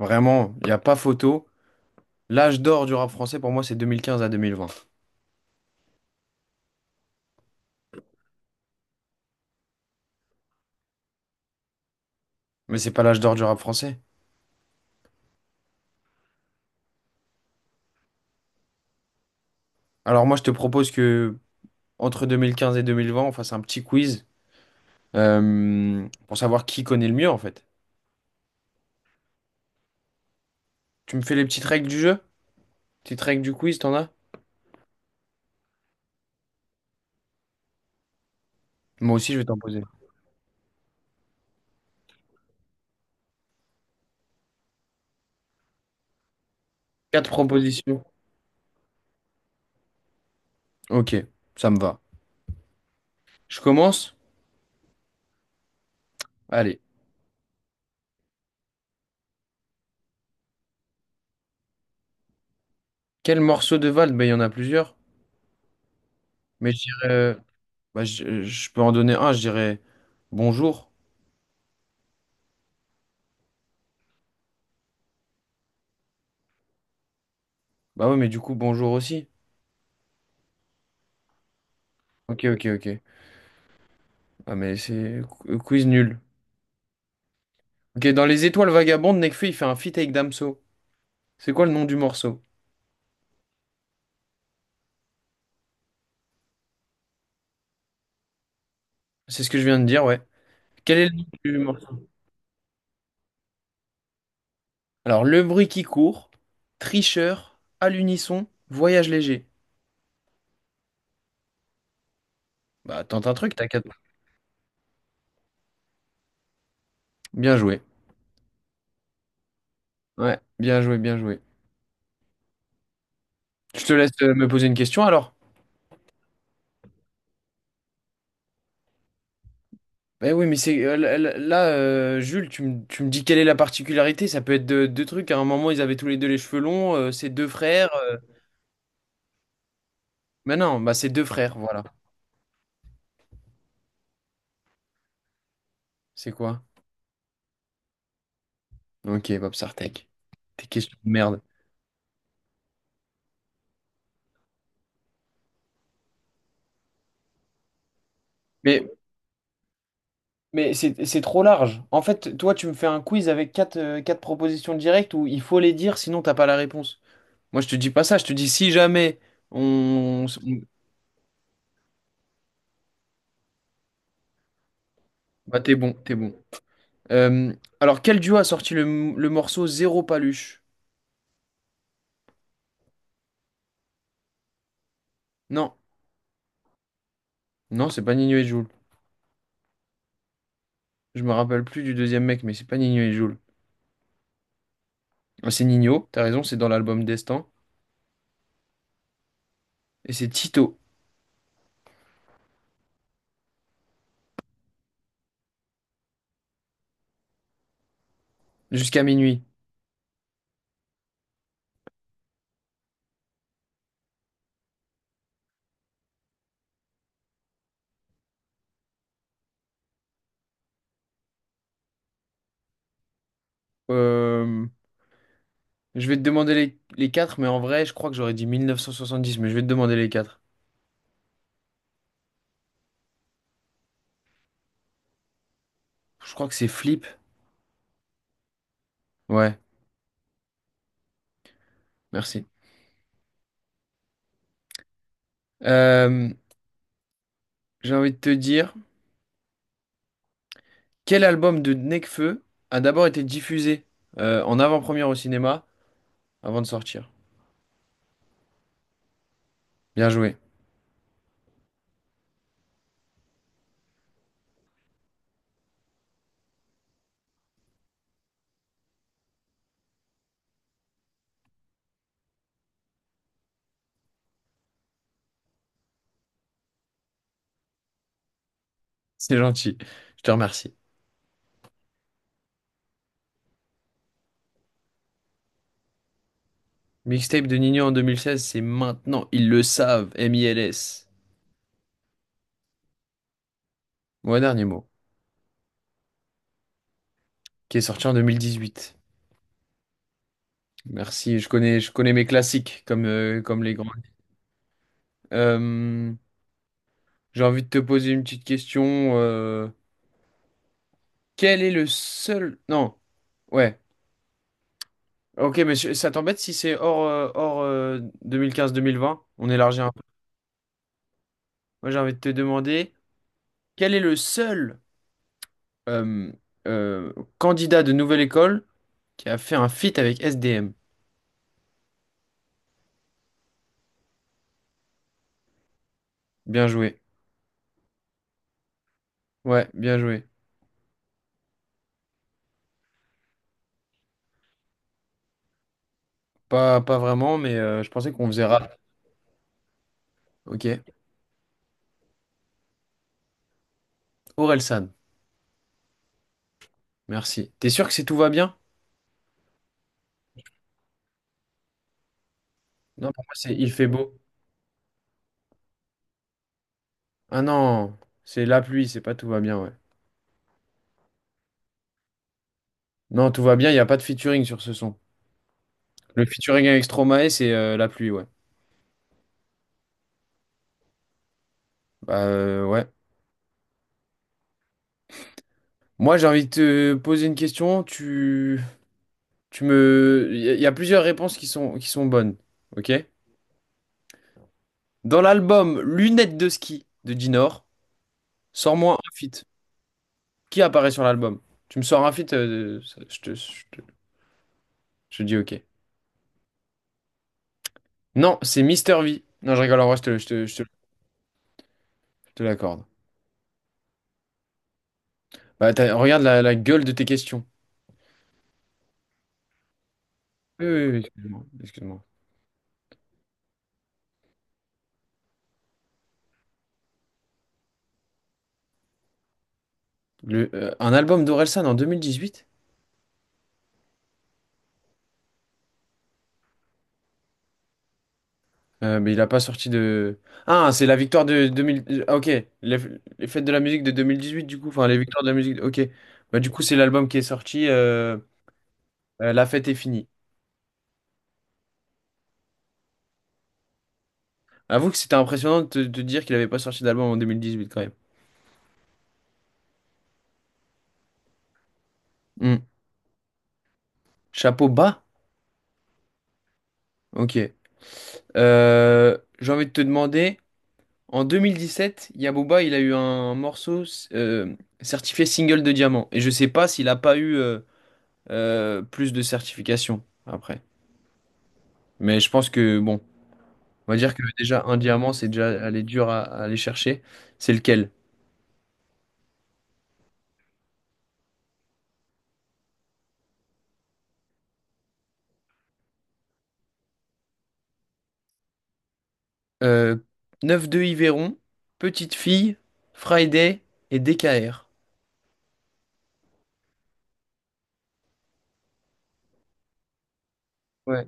Vraiment, il n'y a pas photo. L'âge d'or du rap français, pour moi, c'est 2015 à 2020. Mais c'est pas l'âge d'or du rap français. Alors moi, je te propose que entre 2015 et 2020, on fasse un petit quiz pour savoir qui connaît le mieux, en fait. Tu me fais les petites règles du jeu? Petites règles du quiz, t'en as? Moi aussi, je vais t'en poser. Quatre propositions. Ok, ça me va. Je commence? Allez. Quel morceau de Vald? Ben, il y en a plusieurs. Mais je dirais bah, je peux en donner un, je dirais Bonjour. Bah ouais, mais du coup, bonjour aussi. Ok, ok, ok. Ah mais c'est quiz nul. Ok, dans Les Étoiles Vagabondes, Nekfeu, il fait un feat avec Damso. C'est quoi le nom du morceau? C'est ce que je viens de dire, ouais. Quel est le nom du morceau? Alors, Le bruit qui court, Tricheur, À l'unisson, Voyage léger. Bah, tente un truc, t'as qu'à... Bien joué. Ouais, bien joué, bien joué. Je te laisse me poser une question alors. Bah oui, mais c'est là, Jules, tu me dis quelle est la particularité? Ça peut être deux trucs. À un moment, ils avaient tous les deux les cheveux longs, c'est deux frères. Mais non, bah c'est deux frères, voilà. C'est quoi? Ok, Bob Sartek. Tes questions de merde. Mais, mais c'est trop large. En fait, toi, tu me fais un quiz avec quatre propositions directes où il faut les dire, sinon t'as pas la réponse. Moi, je te dis pas ça. Je te dis si jamais on... on- Bah, t'es bon, t'es bon. Euh, alors, quel duo a sorti le morceau Zéro Paluche? Non, non, c'est pas Nino et Jul. Je me rappelle plus du deuxième mec, mais c'est pas Nino et Jul. Ah, c'est Nino, t'as raison, c'est dans l'album Destin. Et c'est Tito, Jusqu'à minuit. Euh, Je vais te demander les quatre, mais en vrai, je crois que j'aurais dit 1970, mais je vais te demander les quatre. Je crois que c'est Flip. Ouais, merci. Euh, j'ai envie de te dire, quel album de Nekfeu a d'abord été diffusé en avant-première au cinéma avant de sortir? Bien joué, c'est gentil. Je te remercie. Mixtape de Nino en 2016, c'est maintenant, ils le savent, M.I.L.S. Moi, dernier mot, qui est sorti en 2018. Merci, je connais mes classiques comme les grands. Euh, J'ai envie de te poser une petite question. Euh, Quel est le seul... Non, ouais. Ok, mais ça t'embête si c'est hors 2015-2020? On élargit un peu. Moi, j'ai envie de te demander, quel est le seul euh, euh, candidat de Nouvelle École qui a fait un feat avec SDM? Bien joué. Ouais, bien joué. Pas vraiment, mais je pensais qu'on faisait rap. Ok. Orelsan, merci. T'es sûr que c'est tout va bien? Non, pour moi, c'est il fait beau. Ah non, c'est la pluie, c'est pas tout va bien, ouais. Non, tout va bien, il n'y a pas de featuring sur ce son. Le featuring avec Stromae, c'est la pluie, ouais. Bah, ouais. Moi, j'ai envie de te poser une question. Il y a plusieurs réponses qui sont bonnes, ok? Dans l'album Lunettes de ski de Dinor, sors-moi un feat. Qui apparaît sur l'album? Tu me sors un feat, je te dis ok. Non, c'est Mister V. Non, je rigole, en vrai, je te l'accorde. Bah, regarde la gueule de tes questions. Oui, oui, oui, excuse-moi. Excuse-moi. Un album d'Orelsan en 2018? Mais il a pas sorti de... Ah, c'est la victoire de 2000. Ah, ok, les fêtes de la musique de 2018 du coup, enfin les victoires de la musique, ok. Bah du coup c'est l'album qui est sorti, La fête est finie. Avoue que c'était impressionnant de te de dire qu'il avait pas sorti d'album en 2018 quand même. Hmm. Chapeau bas? Ok. J'ai envie de te demander, en 2017, Yaboba il a eu un morceau euh, certifié single de diamant. Et je sais pas s'il a pas eu... plus de certifications après. Mais je pense que, bon, on va dire que déjà un diamant, c'est déjà aller dur à aller chercher. C'est lequel? Euh, 9-2 Yveron, Petite Fille, Friday et DKR. Ouais.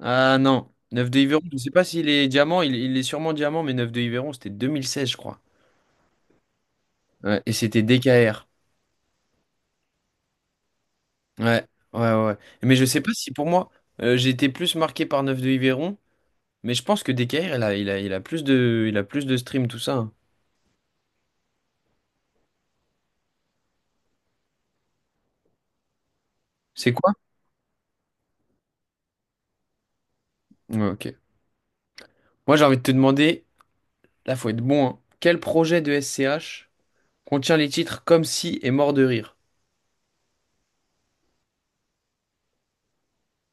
Ah non, neuf 2 Yveron, je ne sais pas s'il est diamant, il est sûrement diamant, mais neuf 2 Yveron, c'était 2016, je crois. Ouais, et c'était DKR. Ouais, ouais, ouais, ouais. Mais je sais pas si pour moi, j'ai été plus marqué par neuf de Yveron, mais je pense que DKR, il a plus de stream, tout ça, hein. C'est quoi? Ouais, ok. Moi, j'ai envie de te demander, là, faut être bon, hein. Quel projet de SCH contient les titres Comme si et Mort de rire?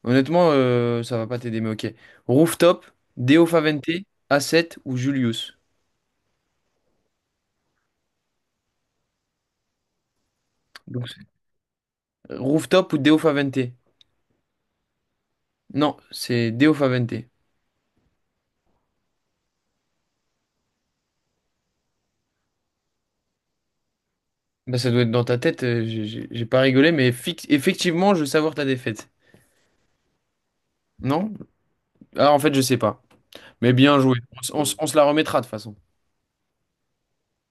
Honnêtement, ça va pas t'aider, mais ok. Rooftop, Deo Favente, A7 ou Julius? Donc, Rooftop ou Deo Favente? Non, c'est Deo Favente. Bah, ça doit être dans ta tête, j'ai pas rigolé, mais effectivement, je veux savoir ta défaite. Non? Ah, en fait, je sais pas. Mais bien joué. On se la remettra de toute façon.